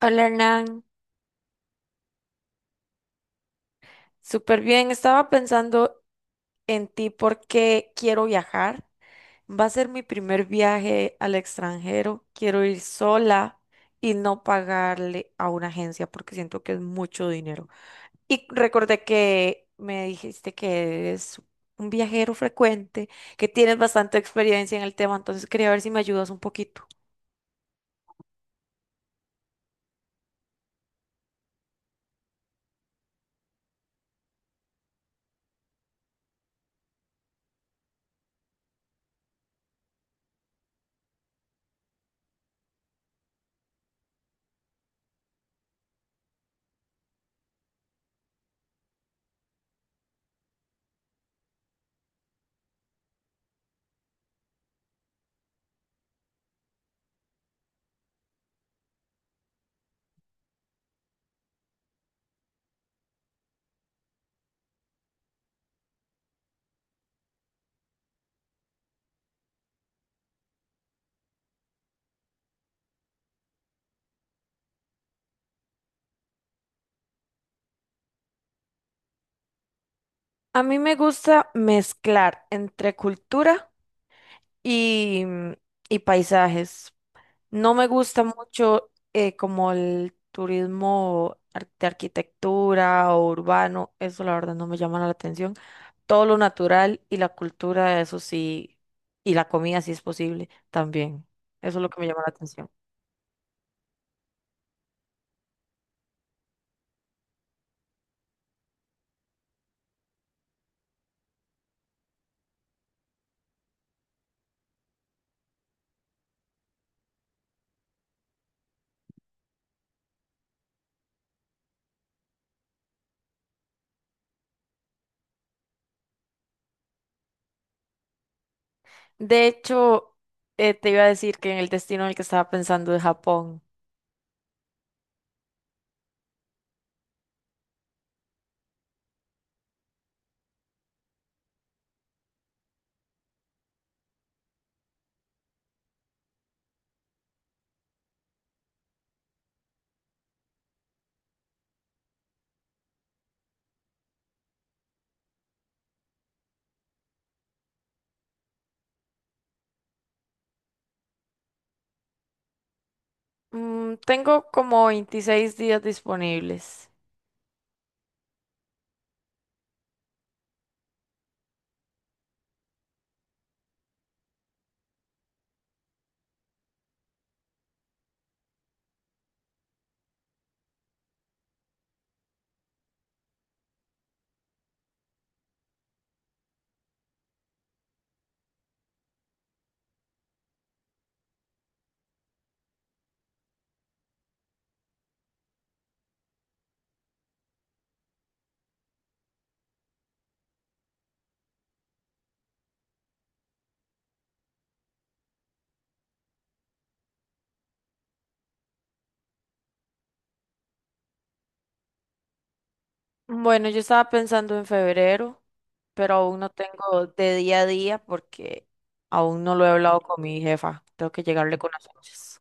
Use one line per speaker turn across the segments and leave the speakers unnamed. Hola Hernán, súper bien. Estaba pensando en ti porque quiero viajar. Va a ser mi primer viaje al extranjero. Quiero ir sola y no pagarle a una agencia porque siento que es mucho dinero. Y recordé que me dijiste que eres un viajero frecuente, que tienes bastante experiencia en el tema, entonces quería ver si me ayudas un poquito. A mí me gusta mezclar entre cultura y, y paisajes. No me gusta mucho como el turismo de arquitectura o urbano, eso la verdad no me llama la atención. Todo lo natural y la cultura, eso sí, y la comida si es posible también. Eso es lo que me llama la atención. De hecho, te iba a decir que en el destino en el que estaba pensando de Japón, tengo como 26 días disponibles. Bueno, yo estaba pensando en febrero, pero aún no tengo de día a día porque aún no lo he hablado con mi jefa. Tengo que llegarle con las fechas.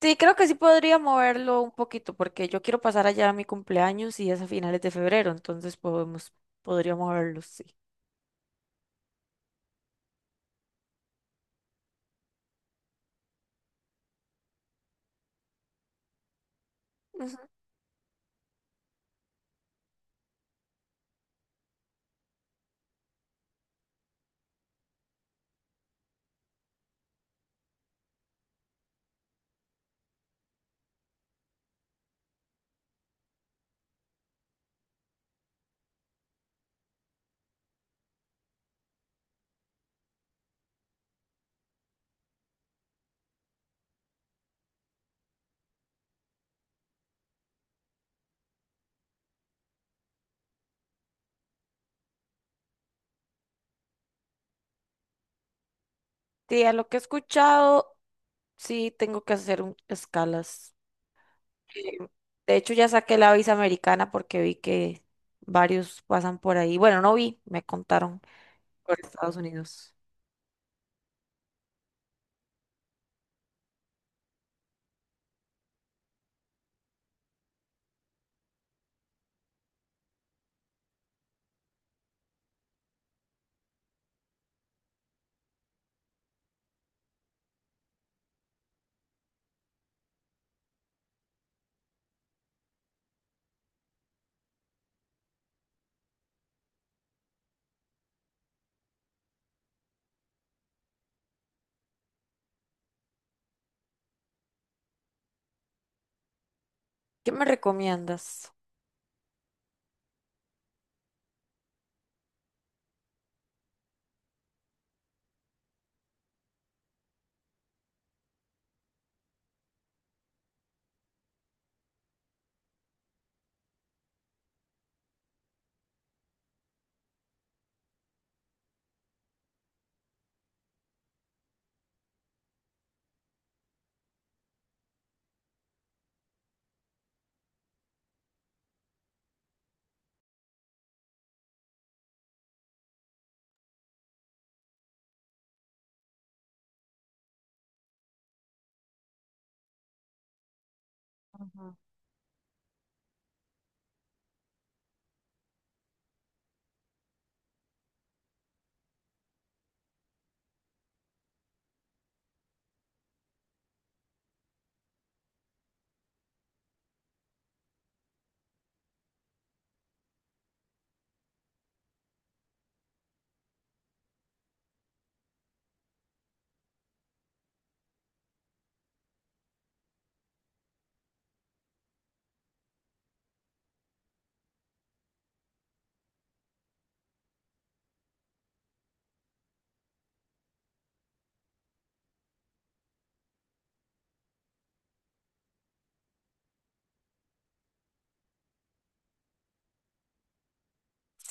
Sí, creo que sí podría moverlo un poquito porque yo quiero pasar allá a mi cumpleaños y es a finales de febrero, entonces podría moverlo, sí. Ujú. Sí, a lo que he escuchado, sí tengo que hacer escalas. Eh, De hecho, ya saqué la visa americana porque vi que varios pasan por ahí. Bueno, no vi, me contaron por Estados Unidos. ¿Qué me recomiendas? Ujú.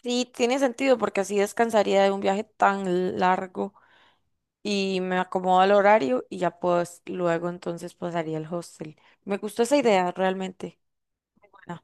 Sí, tiene sentido porque así descansaría de un viaje tan largo y me acomodo al horario y ya pues luego entonces pasaría al hostel. Me gustó esa idea, realmente. Buena.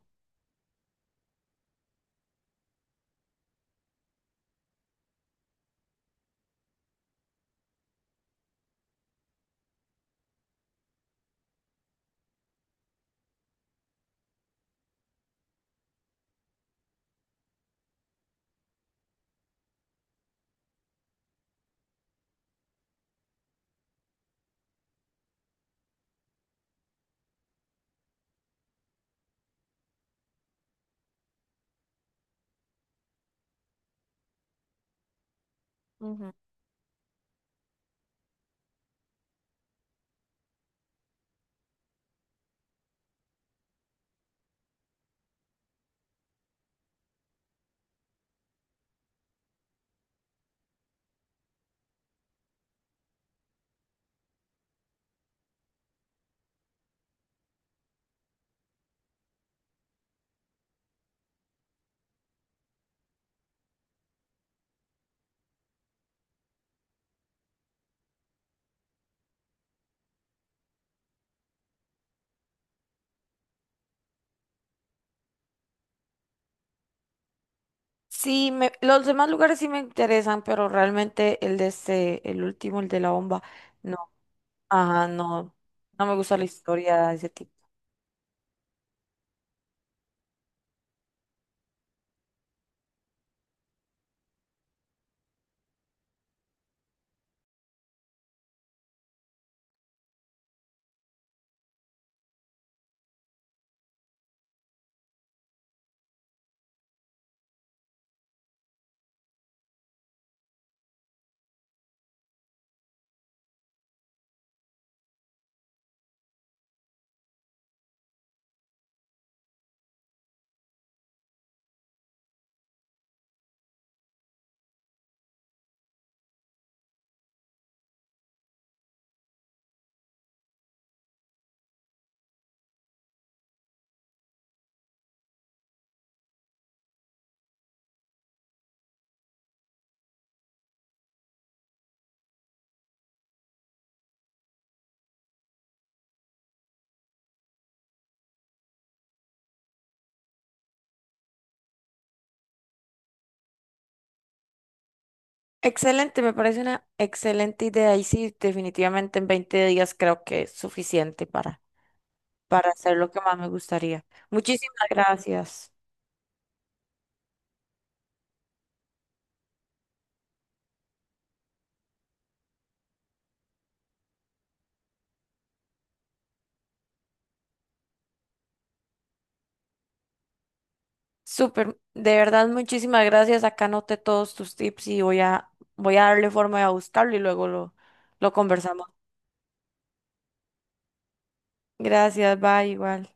Ujú. Sí, los demás lugares sí me interesan, pero realmente el de este, el último, el de la bomba, no, ajá, no, no me gusta la historia de ese tipo. Excelente, me parece una excelente idea y sí, definitivamente en 20 días creo que es suficiente para hacer lo que más me gustaría. Muchísimas gracias. Súper, de verdad, muchísimas gracias. Acá anoté todos tus tips y voy a darle forma de buscarlo y lo conversamos. Gracias, bye, igual.